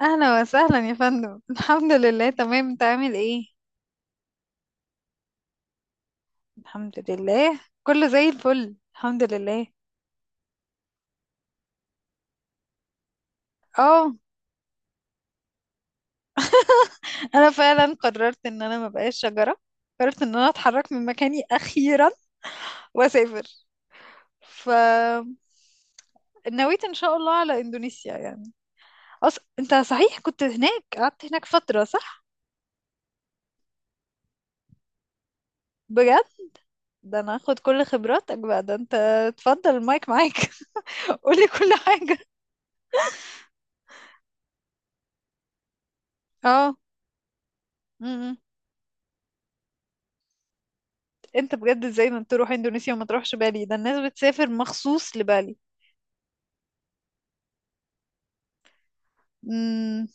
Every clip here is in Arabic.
اهلا وسهلا يا فندم، الحمد لله تمام، انت عامل ايه؟ الحمد لله، كله زي الفل، الحمد لله. اه، انا فعلا قررت ان انا ما بقاش شجره. قررت ان انا اتحرك من مكاني اخيرا، واسافر. ف نويت ان شاء الله على اندونيسيا يعني. انت صحيح كنت هناك، قعدت هناك فتره صح؟ بجد؟ ده انا هاخد كل خبراتك بقى، ده انت اتفضل المايك معاك. قولي كل حاجه. اه، انت بجد ازاي ما تروح اندونيسيا وما تروحش بالي؟ ده الناس بتسافر مخصوص لبالي. امم.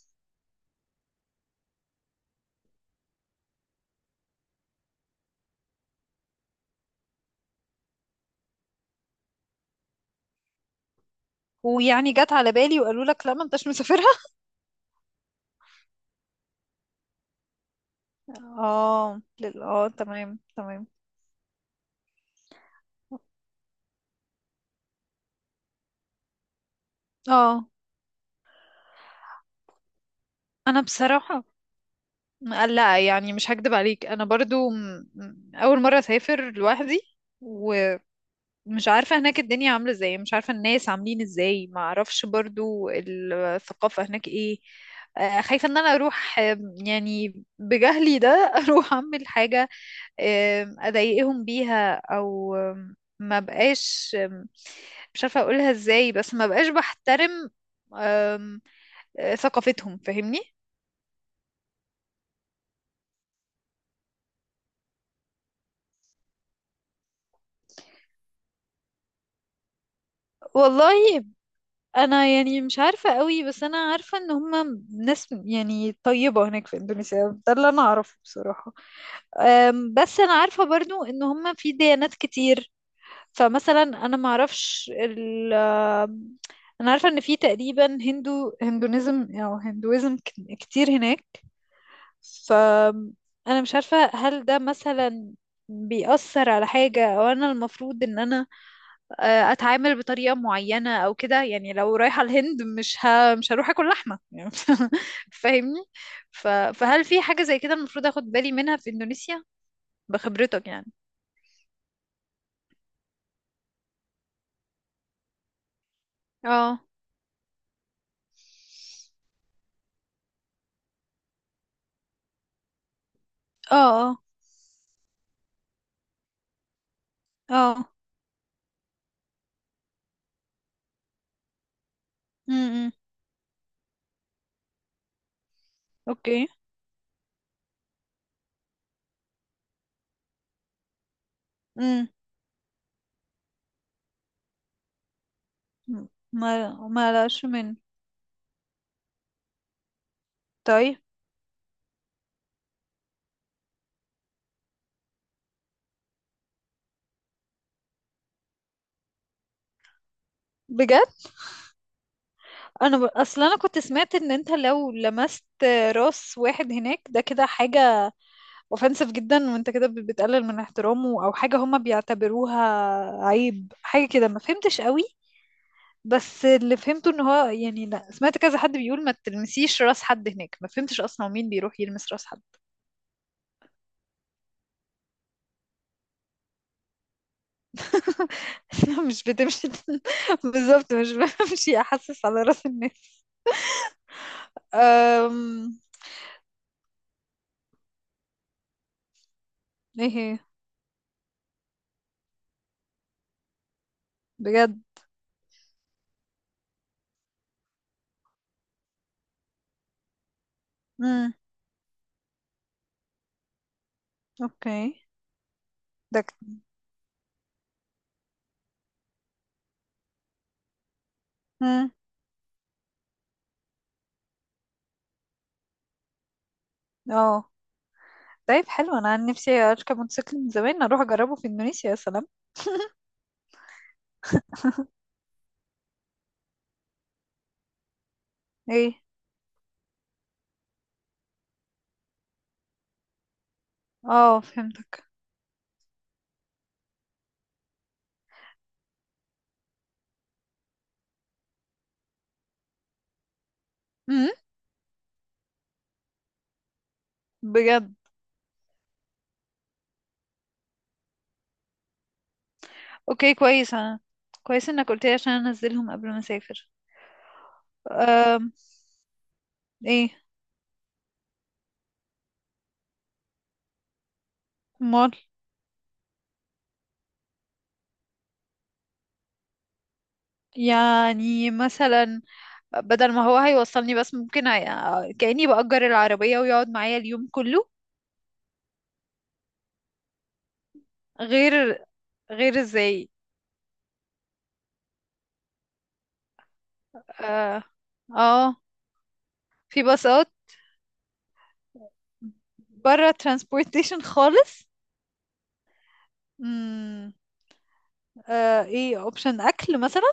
ويعني جت على بالي وقالوا لك لا ما انتش مسافرها؟ اه، اه، تمام تمام. اه، انا بصراحة، لا يعني مش هكدب عليك، انا برضو اول مرة اسافر لوحدي. ومش عارفة هناك الدنيا عاملة ازاي، مش عارفة الناس عاملين ازاي، ما اعرفش برضو الثقافة هناك ايه. خايفة ان انا اروح، يعني بجهلي ده، اروح اعمل حاجة، اضايقهم بيها او ما بقاش، مش عارفة اقولها ازاي، بس ما بقاش بحترم آم، ثقافتهم، فاهمني؟ والله، انا يعني مش عارفه قوي، بس انا عارفه ان هم ناس يعني طيبه هناك في اندونيسيا، ده اللي انا اعرفه بصراحه. بس انا عارفه برضو ان هم في ديانات كتير. فمثلا انا ما اعرفش ال أم، انا عارفه ان في تقريبا هندونيزم او هندويزم كتير هناك. ف انا مش عارفة هل ده مثلا بيأثر على حاجة، او انا المفروض ان انا اتعامل بطريقة معينة او كده، يعني لو رايحة الهند مش هروح اكل لحمة يعني. فاهمني؟ فهل في حاجة زي كده المفروض اخد بالي منها في اندونيسيا، بخبرتك يعني؟ اه. اه. اه. اه. امم. اوكي. امم. ما لاش من. طيب. بجد. انا اصل انا كنت سمعت ان انت لو لمست راس واحد هناك، ده كده حاجة اوفensive جدا، وانت كده بتقلل من احترامه، او حاجة هما بيعتبروها عيب، حاجة كده ما فهمتش قوي. بس اللي فهمته ان هو يعني، لا سمعت كذا حد بيقول ما تلمسيش راس حد هناك، ما فهمتش اصلا مين بيروح يلمس راس حد. مش بتمشي. بالظبط، مش بمشي احسس على راس الناس. أم... ايه هي؟ بجد؟ امم. اوكي. ده امم. اه. طيب، حلو، انا عن نفسي اركب موتوسيكل من زمان، اروح اجربه في اندونيسيا يا سلام. ايه. اه، فهمتك. امم. بجد؟ اوكي، كويس، انا كويس انك قلت لي عشان انزلهم قبل ما اسافر. أم... ايه. امال، يعني مثلا بدل ما هو هيوصلني بس ممكن كأني بأجر العربية ويقعد معايا اليوم كله؟ غير. غير ازاي؟ اه. آه، في باصات؟ بره ترانسبورتيشن خالص. امم. ايه اوبشن اكل مثلا؟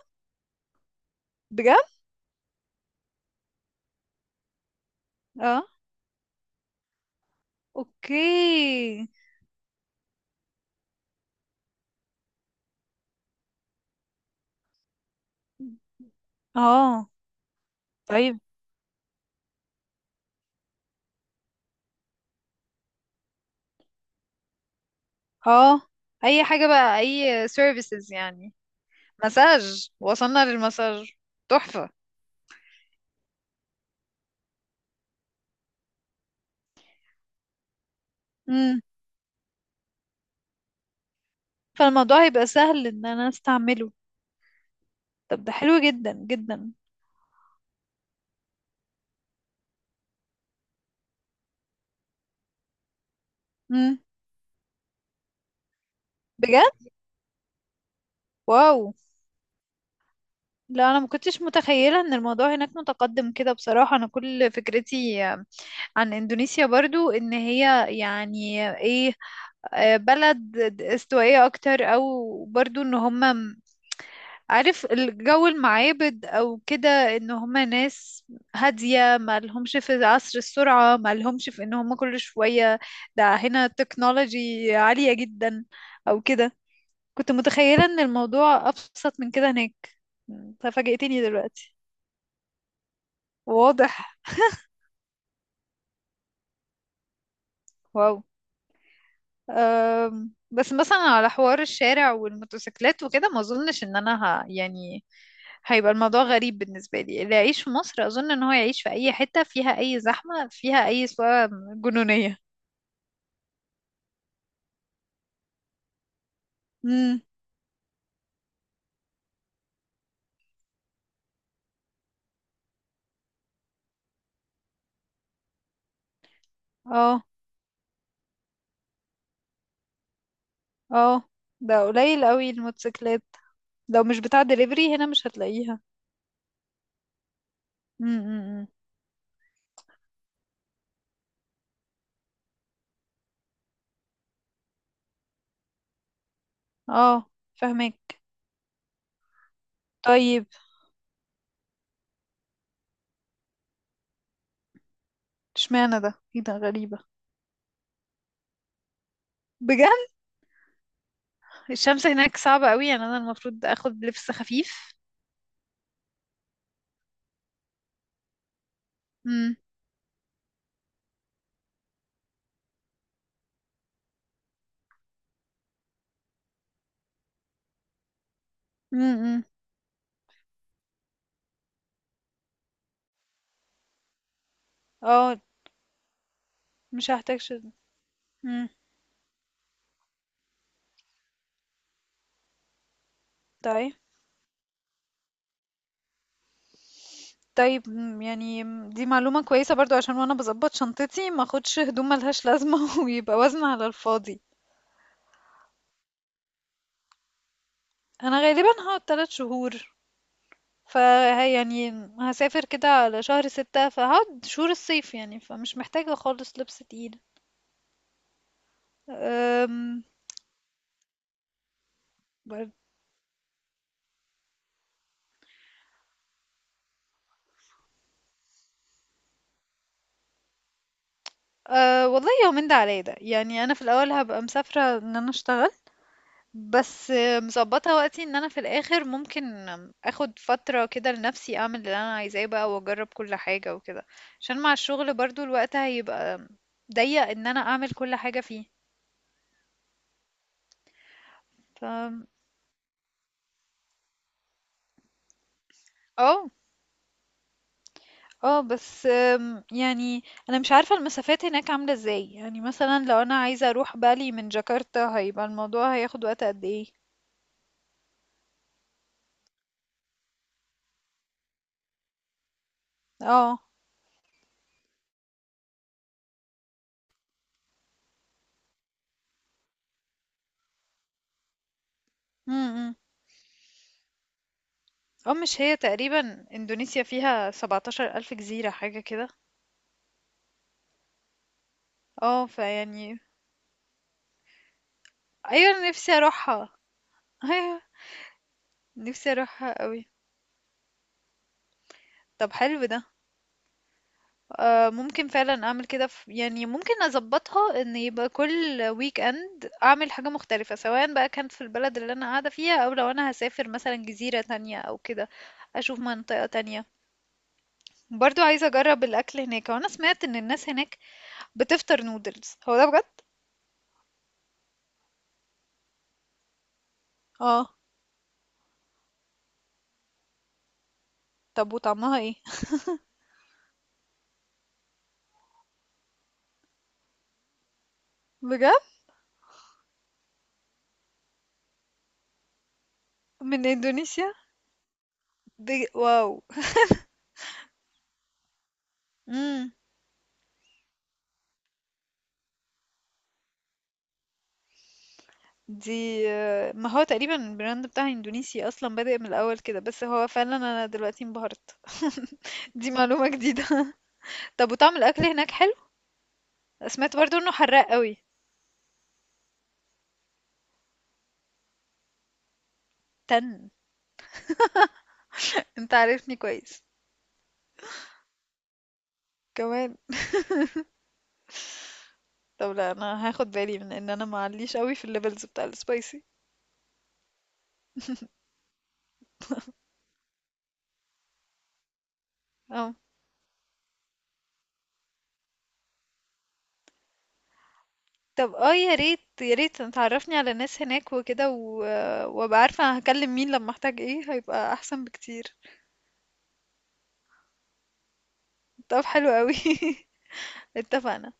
بجد؟ اه. اوكي. اه. طيب. اه. اي حاجة بقى، اي سيرفيسز يعني. مساج، وصلنا للمساج، تحفة. امم. فالموضوع هيبقى سهل ان انا استعمله. طب ده حلو جدا جدا. امم. بجد؟ واو. لا، انا ما كنتش متخيلة ان الموضوع هناك متقدم كده بصراحة، انا كل فكرتي عن اندونيسيا برضو ان هي يعني ايه، بلد استوائية أكتر، أو برضو إن هما عارف، الجو، المعابد، أو كده، إن هما ناس هادية، ما لهمش في عصر السرعة، ما لهمش في إن هما كل شوية ده هنا تكنولوجي عالية جدا، أو كده. كنت متخيلة إن الموضوع أبسط من كده هناك، ففاجأتني دلوقتي. واضح. واو. بس مثلا على حوار الشارع والموتوسيكلات وكده، ما اظنش ان انا يعني هيبقى الموضوع غريب بالنسبة لي، اللي يعيش في مصر اظن ان هو يعيش في اي حتة فيها اي زحمة فيها اي سواقة جنونية. امم. اه. اه. ده قليل قوي الموتوسيكلات، لو مش بتاع دليفري هنا مش هتلاقيها. امم. اه، فهمك. طيب، اشمعنى ده؟ ايه ده غريبة. بجد؟ الشمس هناك صعبة قوي، يعني انا المفروض اخد لبس خفيف. امم. امم. اه، مش هحتاج مم. طيب. طيب. يعني دي معلومة كويسة برضو، عشان وانا بظبط شنطتي ما اخدش هدوم ملهاش لازمة، ويبقى وزن على الفاضي. انا غالبا هقعد تلات شهور. ف يعني هسافر كده على شهر ستة، فهقعد شهور الصيف يعني، فمش محتاجة خالص لبس تقيل. أم... برد- أه، والله يومين ده عليا، ده يعني انا في الاول هبقى مسافرة ان انا اشتغل، بس مضبطة وقتي ان انا في الاخر ممكن اخد فترة كده لنفسي اعمل اللي انا عايزاه بقى، واجرب كل حاجة وكده، عشان مع الشغل برضو الوقت هيبقى ضيق ان انا اعمل كل حاجة فيه. ف اه. اه. بس يعني انا مش عارفة المسافات هناك عاملة ازاي، يعني مثلا لو انا عايزة اروح بالي من جاكرتا هيبقى الموضوع هياخد وقت قد ايه؟ اه. امم. اه، مش هي تقريبا اندونيسيا فيها 17 الف جزيرة حاجة كده؟ اه، فيعني. أيوه، أنا نفسي أروحها. أيوه، نفسي أروحها أوي. طب حلو ده. آه، ممكن فعلا أعمل كده في، يعني ممكن أظبطها إن يبقى كل ويك أند أعمل حاجة مختلفة، سواء بقى كانت في البلد اللي أنا قاعدة فيها أو لو أنا هسافر مثلا جزيرة تانية أو كده، أشوف منطقة تانية. برضو عايزة أجرب الأكل هناك، وأنا سمعت إن الناس هناك بتفطر نودلز، هو ده بجد؟ اه. طب وطعمها ايه؟ بجد؟ من إندونيسيا؟ واو. مم. دي ما هو تقريبا البراند بتاع اندونيسي اصلا بادئ من الاول كده، بس هو فعلا انا دلوقتي انبهرت. دي معلومة جديدة. طب وطعم الاكل هناك حلو؟ سمعت برضو انه حراق قوي. تن، انت عارفني كويس. كمان. طب لا، انا هاخد بالي من ان انا معليش قوي في الليفلز بتاع السبايسي. اه. طب، اه، يا ريت يا ريت تعرفني على ناس هناك وكده وابقى عارفة هكلم مين لما احتاج ايه، هيبقى احسن بكتير. طب حلو قوي. اتفقنا.